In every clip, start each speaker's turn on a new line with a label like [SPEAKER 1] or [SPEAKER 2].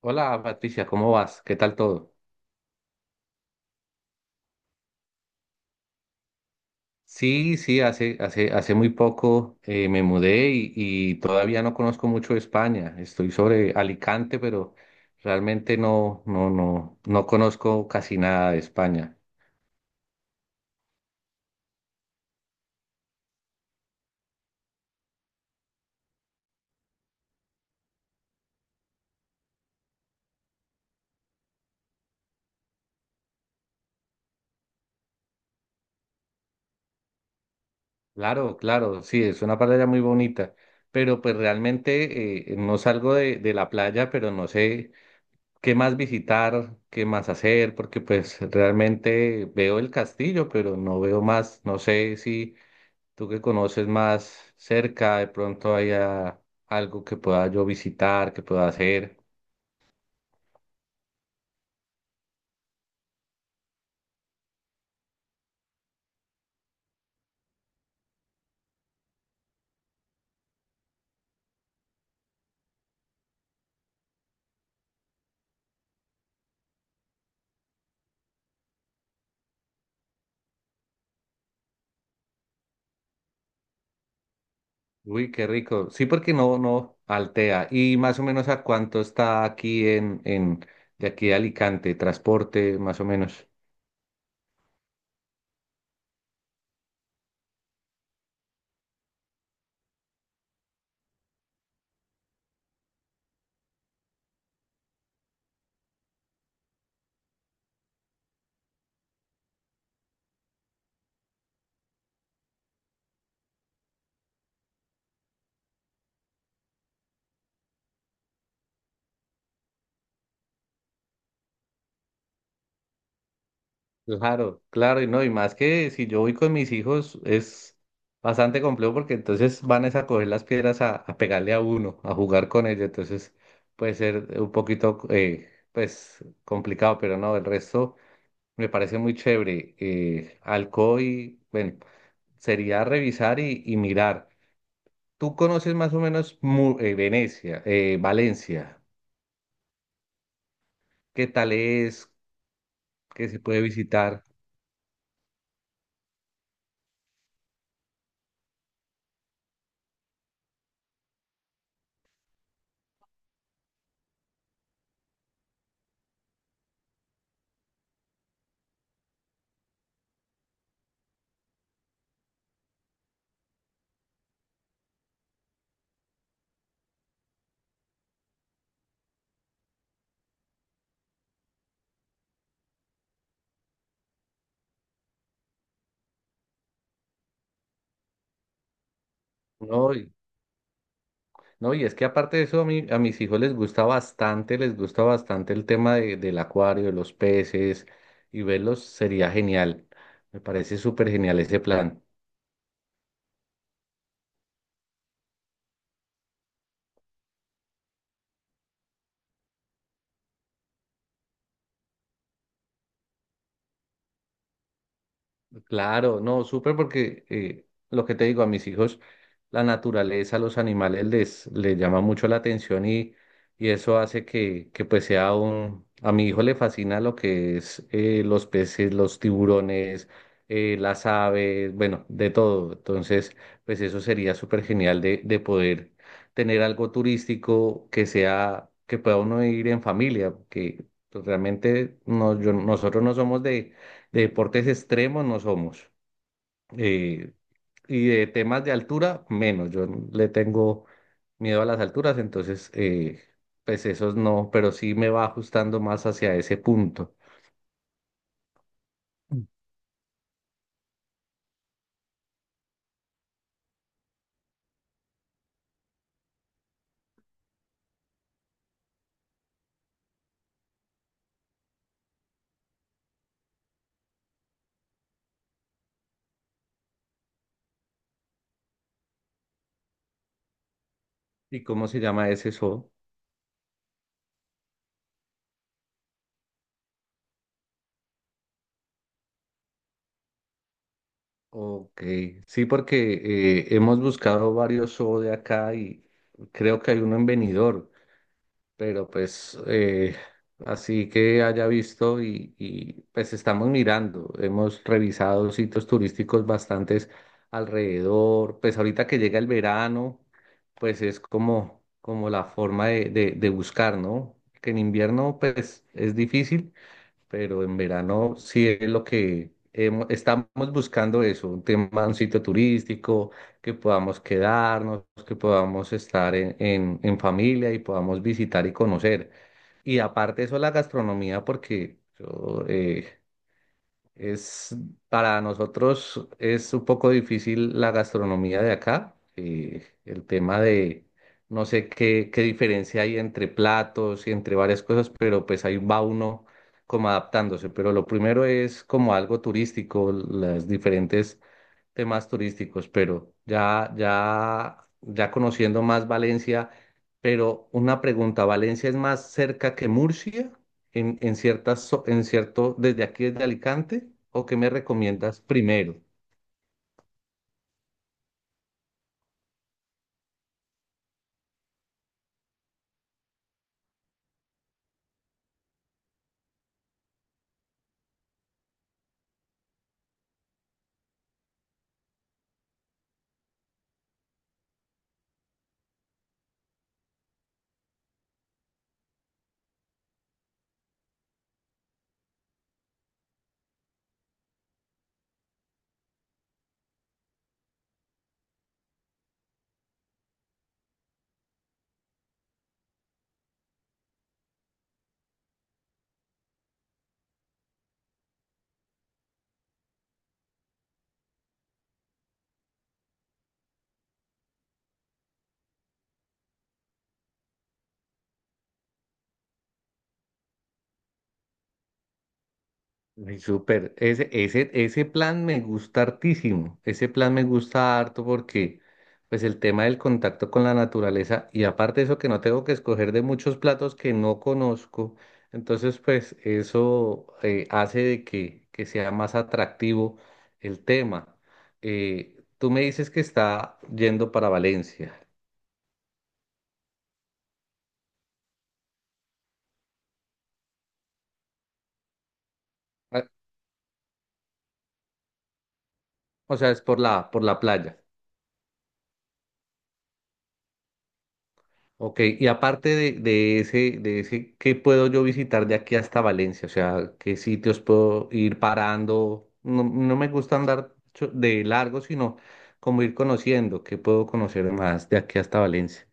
[SPEAKER 1] Hola Patricia, ¿cómo vas? ¿Qué tal todo? Sí, sí, hace, hace muy poco me mudé y todavía no conozco mucho de España. Estoy sobre Alicante, pero realmente no conozco casi nada de España. Claro, claro, sí, es una playa muy bonita, pero pues realmente no salgo de la playa, pero no sé qué más visitar, qué más hacer, porque pues realmente veo el castillo, pero no veo más, no sé si... Tú que conoces más cerca, de pronto haya algo que pueda yo visitar, que pueda hacer. Uy, qué rico. Sí, porque no altea. ¿Y más o menos a cuánto está aquí en de aquí a Alicante, transporte, más o menos? Claro, claro, y no, y más que si yo voy con mis hijos es bastante complejo porque entonces van es a coger las piedras a pegarle a uno, a jugar con ellos, entonces puede ser un poquito, pues, complicado, pero no, el resto. Me parece muy chévere. Alcoy, bueno, sería revisar y mirar. Tú conoces más o menos Venecia, Valencia. ¿Qué tal es? ¿Qué se puede visitar? No, y, no, y es que aparte de eso, a mis hijos les gusta bastante del acuario, de los peces, y verlos sería genial. Me parece súper genial ese plan. Claro, no, súper porque lo que te digo a mis hijos, la naturaleza, los animales les llama mucho la atención y eso hace que pues sea un... A mi hijo le fascina lo que es los peces, los tiburones, las aves, bueno, de todo. Entonces, pues eso sería súper genial de poder tener algo turístico que sea, que pueda uno ir en familia, que pues, realmente no, nosotros no somos de deportes extremos no somos. eh, y de temas de altura, menos. Le tengo miedo a las alturas, entonces, pues esos no, pero sí me va ajustando más hacia ese punto. ¿Y cómo se llama ese zoo? Ok, sí, porque hemos buscado varios zoos de acá y creo que hay uno en Benidorm. Pero pues así que haya visto y, pues estamos mirando, hemos revisado sitios turísticos bastantes alrededor, pues ahorita que llega el verano, pues es como, como la forma de buscar, ¿no? Que en invierno pues es difícil, pero en verano sí es lo que estamos buscando eso, un tema, un sitio turístico, que podamos quedarnos, que podamos estar en familia y podamos visitar y conocer. Y aparte de eso, la gastronomía, porque yo, es, para nosotros es un poco difícil la gastronomía de acá. El tema de, no sé qué, qué diferencia hay entre platos y entre varias cosas, pero pues ahí va uno como adaptándose. Pero lo primero es como algo turístico, las diferentes temas turísticos, pero ya conociendo más Valencia, pero una pregunta, ¿Valencia es más cerca que Murcia en ciertas, en cierto, desde aquí desde Alicante? ¿O qué me recomiendas primero? Ay, súper, ese plan me gusta hartísimo, ese plan me gusta harto porque pues el tema del contacto con la naturaleza y aparte eso que no tengo que escoger de muchos platos que no conozco, entonces pues eso hace de que sea más atractivo el tema. Tú me dices que está yendo para Valencia, ah, o sea, es por la playa. Ok, y aparte de ese, ¿qué puedo yo visitar de aquí hasta Valencia? O sea, ¿qué sitios puedo ir parando? No, no me gusta andar de largo, sino como ir conociendo, ¿qué puedo conocer más de aquí hasta Valencia?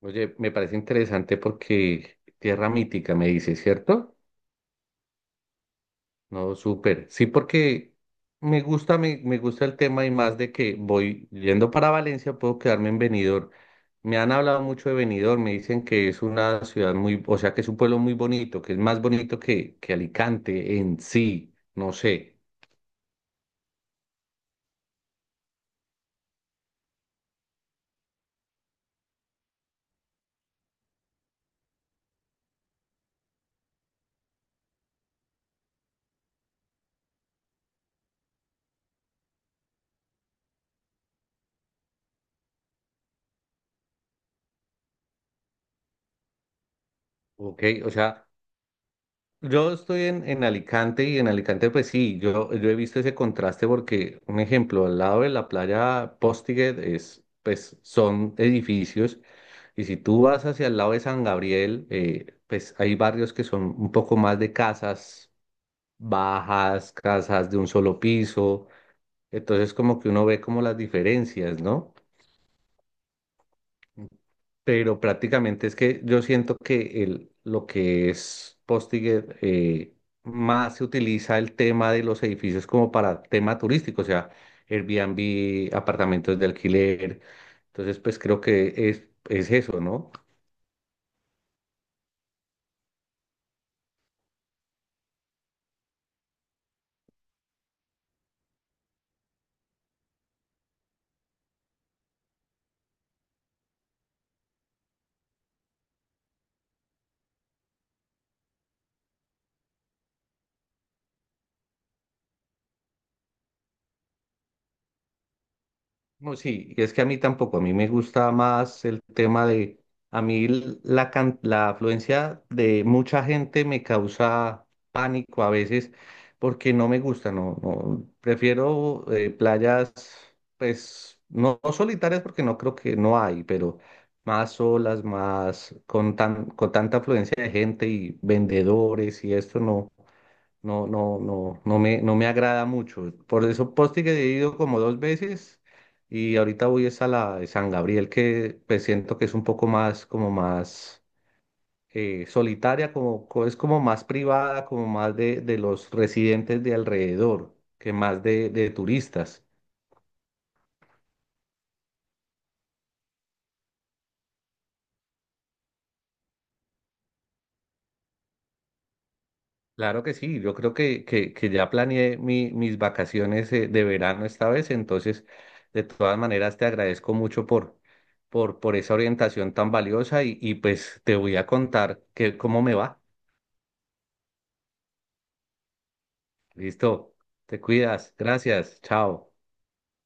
[SPEAKER 1] Oye, me parece interesante porque Tierra Mítica, me dice, ¿cierto? No, súper. Sí, porque me gusta, me gusta el tema y más de que voy yendo para Valencia, puedo quedarme en Benidorm. Me han hablado mucho de Benidorm, me dicen que es una ciudad muy, o sea, que es un pueblo muy bonito, que es más bonito que Alicante en sí, no sé, ¿ok? O sea, yo estoy en Alicante y en Alicante pues sí, yo he visto ese contraste porque, un ejemplo, al lado de la playa Postiguet es, pues son edificios y si tú vas hacia el lado de San Gabriel, pues hay barrios que son un poco más de casas bajas, casas de un solo piso, entonces como que uno ve como las diferencias, ¿no? Pero prácticamente es que yo siento que el, lo que es Postiger más se utiliza el tema de los edificios como para tema turístico, o sea, Airbnb, apartamentos de alquiler. Entonces, pues creo que es eso, ¿no? No, sí, y es que a mí tampoco, a mí me gusta más el tema de, a mí la afluencia de mucha gente me causa pánico a veces porque no me gusta, prefiero playas, pues, no, no solitarias porque no creo que no hay, pero más solas, más con tan, con tanta afluencia de gente y vendedores y esto no. No me, no me agrada mucho. Por eso Posti que he ido como dos veces y ahorita voy es a la de San Gabriel que pues siento que es un poco más, como más solitaria, es como más privada, como más de los residentes de alrededor que más de turistas. Claro que sí, yo creo que ya planeé mis vacaciones de verano esta vez, entonces de todas maneras te agradezco mucho por esa orientación tan valiosa y pues te voy a contar que, cómo me va. Listo, te cuidas, gracias, chao.